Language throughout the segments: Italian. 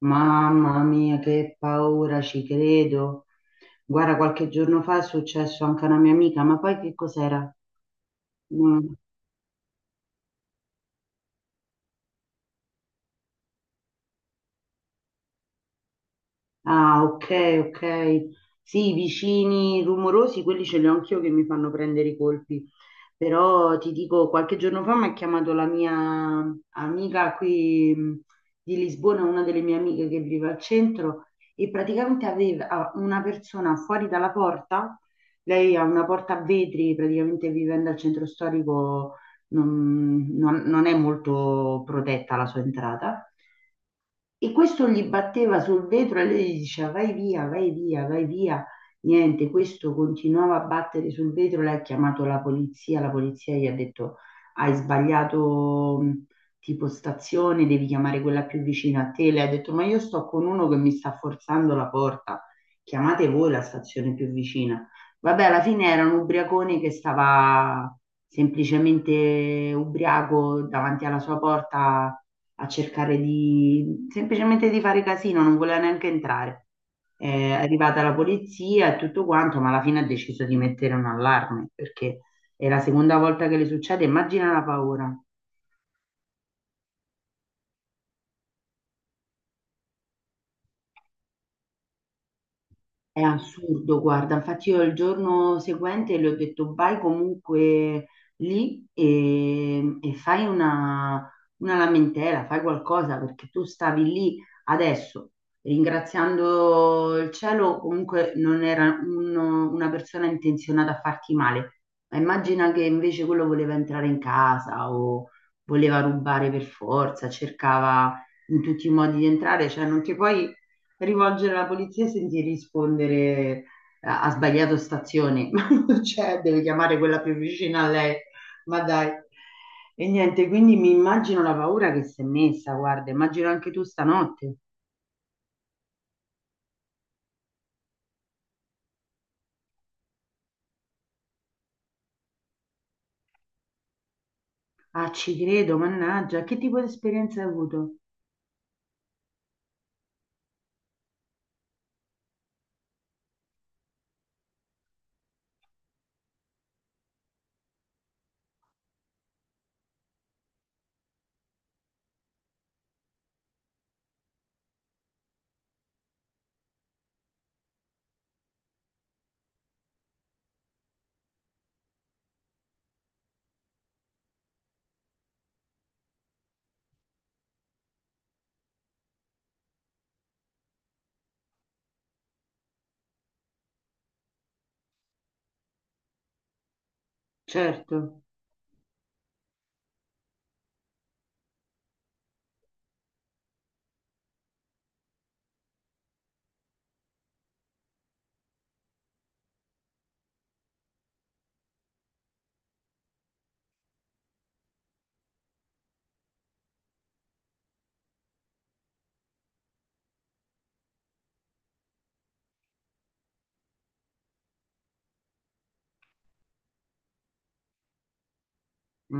Mamma mia, che paura, ci credo. Guarda, qualche giorno fa è successo anche a una mia amica, ma poi che cos'era? No. Ah, ok, ok. Sì, i vicini rumorosi, quelli ce li ho anch'io che mi fanno prendere i colpi. Però ti dico, qualche giorno fa mi ha chiamato la mia amica qui di Lisbona, una delle mie amiche che vive al centro, e praticamente aveva una persona fuori dalla porta. Lei ha una porta a vetri, praticamente vivendo al centro storico non è molto protetta la sua entrata. E questo gli batteva sul vetro e lei gli diceva vai via, vai via, vai via. Niente, questo continuava a battere sul vetro, lei ha chiamato la polizia gli ha detto hai sbagliato tipo stazione, devi chiamare quella più vicina a te. Lei ha detto ma io sto con uno che mi sta forzando la porta, chiamate voi la stazione più vicina. Vabbè, alla fine era un ubriacone che stava semplicemente ubriaco davanti alla sua porta a cercare di semplicemente di fare casino, non voleva neanche entrare. È arrivata la polizia e tutto quanto, ma alla fine ha deciso di mettere un allarme perché è la seconda volta che le succede, immagina la paura. È assurdo, guarda, infatti io il giorno seguente le ho detto vai comunque lì e fai una lamentela, fai qualcosa perché tu stavi lì adesso, ringraziando il cielo, comunque non era una persona intenzionata a farti male. Ma immagina che invece quello voleva entrare in casa o voleva rubare per forza, cercava in tutti i modi di entrare, cioè non ti puoi rivolgere alla polizia e sentire rispondere ha sbagliato stazione, ma non c'è, deve chiamare quella più vicina a lei, ma dai. E niente, quindi mi immagino la paura che si è messa, guarda, immagino anche tu stanotte. Ah, ci credo, mannaggia, che tipo di esperienza hai avuto? Certo,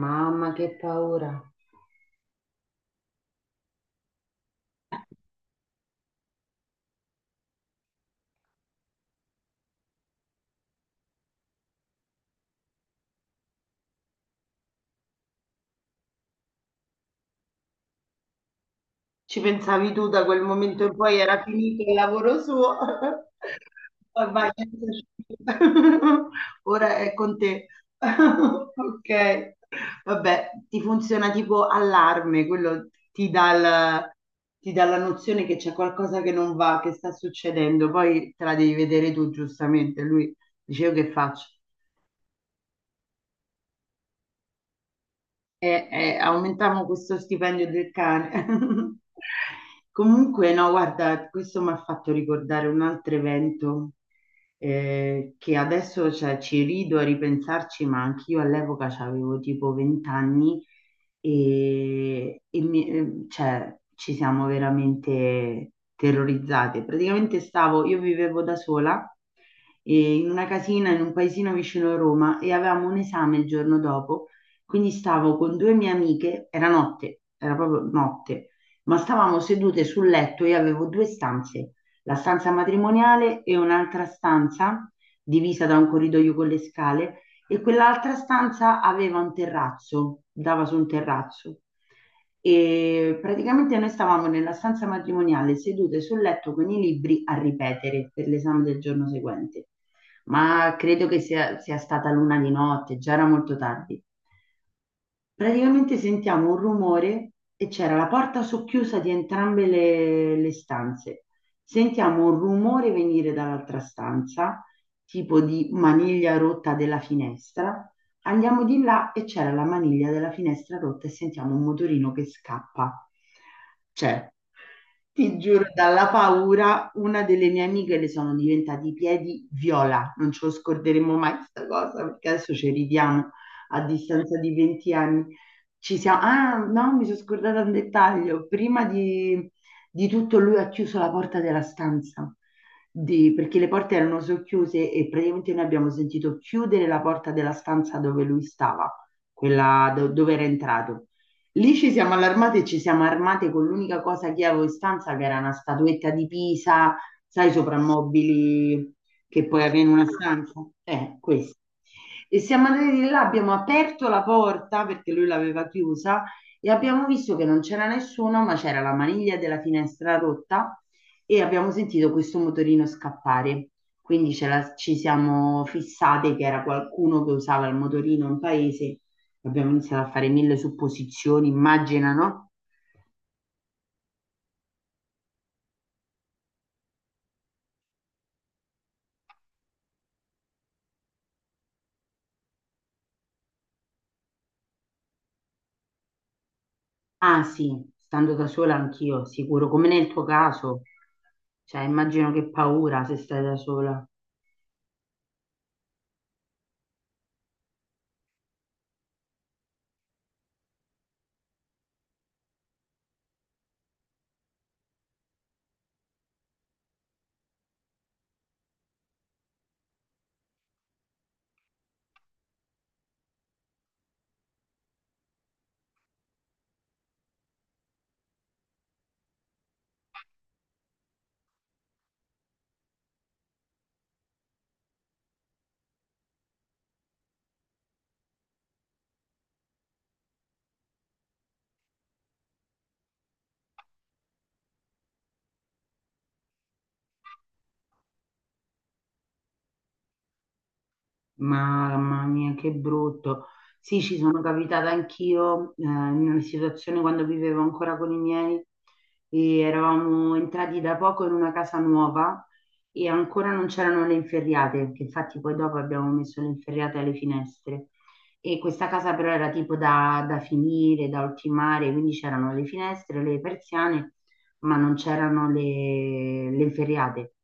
mamma che paura. Ci pensavi tu, da quel momento in poi era finito il lavoro suo. Ormai ora è con te. Ok. Vabbè, ti funziona tipo allarme, quello ti dà la nozione che c'è qualcosa che non va, che sta succedendo, poi te la devi vedere tu giustamente. Lui dice, io che faccio? Eh, aumentiamo questo stipendio del cane. Comunque, no, guarda, questo mi ha fatto ricordare un altro evento che adesso, cioè, ci rido a ripensarci, ma anch'io all'epoca avevo tipo 20 anni cioè, ci siamo veramente terrorizzate. Praticamente stavo, io vivevo da sola in una casina in un paesino vicino a Roma e avevamo un esame il giorno dopo, quindi stavo con due mie amiche, era notte, era proprio notte, ma stavamo sedute sul letto, io avevo due stanze, la stanza matrimoniale e un'altra stanza divisa da un corridoio con le scale, e quell'altra stanza aveva un terrazzo, dava su un terrazzo. E praticamente noi stavamo nella stanza matrimoniale sedute sul letto con i libri a ripetere per l'esame del giorno seguente. Ma credo che sia stata l'una di notte, già era molto tardi. Praticamente sentiamo un rumore e c'era la porta socchiusa di entrambe le stanze. Sentiamo un rumore venire dall'altra stanza, tipo di maniglia rotta della finestra. Andiamo di là e c'era la maniglia della finestra rotta e sentiamo un motorino che scappa. Cioè, ti giuro, dalla paura, una delle mie amiche le sono diventati i piedi viola. Non ce lo scorderemo mai questa cosa, perché adesso ci ridiamo a distanza di 20 anni. Ci siamo... Ah, no, mi sono scordata un dettaglio. Prima di tutto lui ha chiuso la porta della stanza, perché le porte erano socchiuse e praticamente noi abbiamo sentito chiudere la porta della stanza dove lui stava, dove era entrato. Lì ci siamo allarmate e ci siamo armate con l'unica cosa che avevo in stanza, che era una statuetta di Pisa, sai, soprammobili che puoi avere in una stanza. Questo. E siamo andati di là, abbiamo aperto la porta perché lui l'aveva chiusa e abbiamo visto che non c'era nessuno, ma c'era la maniglia della finestra rotta e abbiamo sentito questo motorino scappare. Quindi ci siamo fissate che era qualcuno che usava il motorino in paese. Abbiamo iniziato a fare mille supposizioni, immagina, no? Ah sì, stando da sola anch'io, sicuro, come nel tuo caso. Cioè, immagino che paura se stai da sola. Mamma mia, che brutto. Sì, ci sono capitata anch'io, in una situazione quando vivevo ancora con i miei e eravamo entrati da poco in una casa nuova e ancora non c'erano le inferriate, che infatti poi dopo abbiamo messo le inferriate alle finestre. E questa casa però era tipo da finire, da ultimare, quindi c'erano le finestre, le persiane, ma non c'erano le feriate.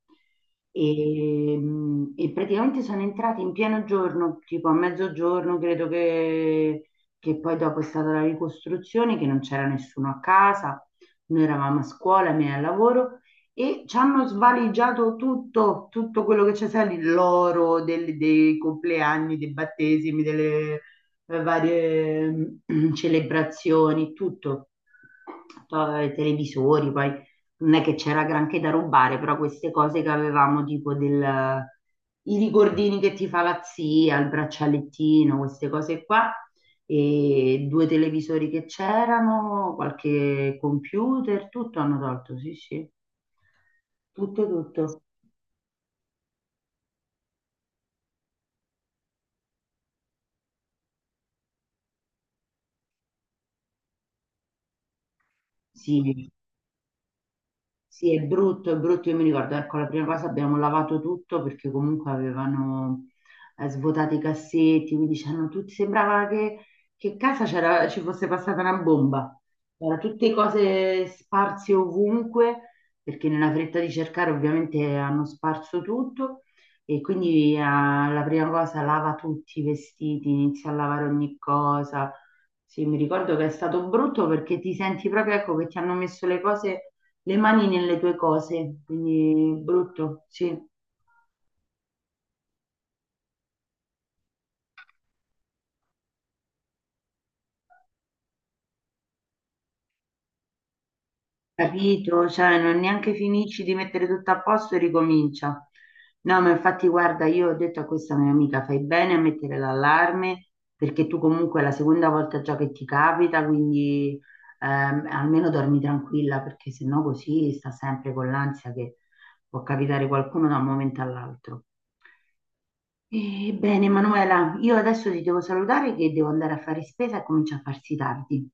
E praticamente sono entrati in pieno giorno, tipo a mezzogiorno, credo che poi dopo è stata la ricostruzione, che non c'era nessuno a casa, noi eravamo a scuola, me al lavoro, e ci hanno svaligiato tutto, tutto quello che c'è, sai, l'oro dei compleanni, dei battesimi, delle, varie celebrazioni, tutto, To- televisori, poi non è che c'era granché da rubare, però queste cose che avevamo, tipo del, i ricordini che ti fa la zia, il braccialettino, queste cose qua, e due televisori che c'erano, qualche computer, tutto hanno tolto, sì, sì, tutto, tutto. Sì, sì, è brutto, io mi ricordo, ecco, la prima cosa abbiamo lavato tutto perché comunque avevano svuotato i cassetti, quindi c'erano tutti, sembrava che, ci fosse passata una bomba, erano tutte cose sparse ovunque, perché nella fretta di cercare ovviamente hanno sparso tutto e quindi la prima cosa lava tutti i vestiti, inizia a lavare ogni cosa. Sì, mi ricordo che è stato brutto perché ti senti proprio, ecco, che ti hanno messo le mani nelle tue cose, quindi brutto, sì, capito, cioè non neanche finisci di mettere tutto a posto e ricomincia. No, ma infatti guarda, io ho detto a questa mia amica, fai bene a mettere l'allarme perché tu comunque è la seconda volta già che ti capita, quindi almeno dormi tranquilla perché sennò così sta sempre con l'ansia che può capitare qualcuno da un momento all'altro. Ebbene, Manuela, io adesso ti devo salutare che devo andare a fare spesa e comincia a farsi tardi.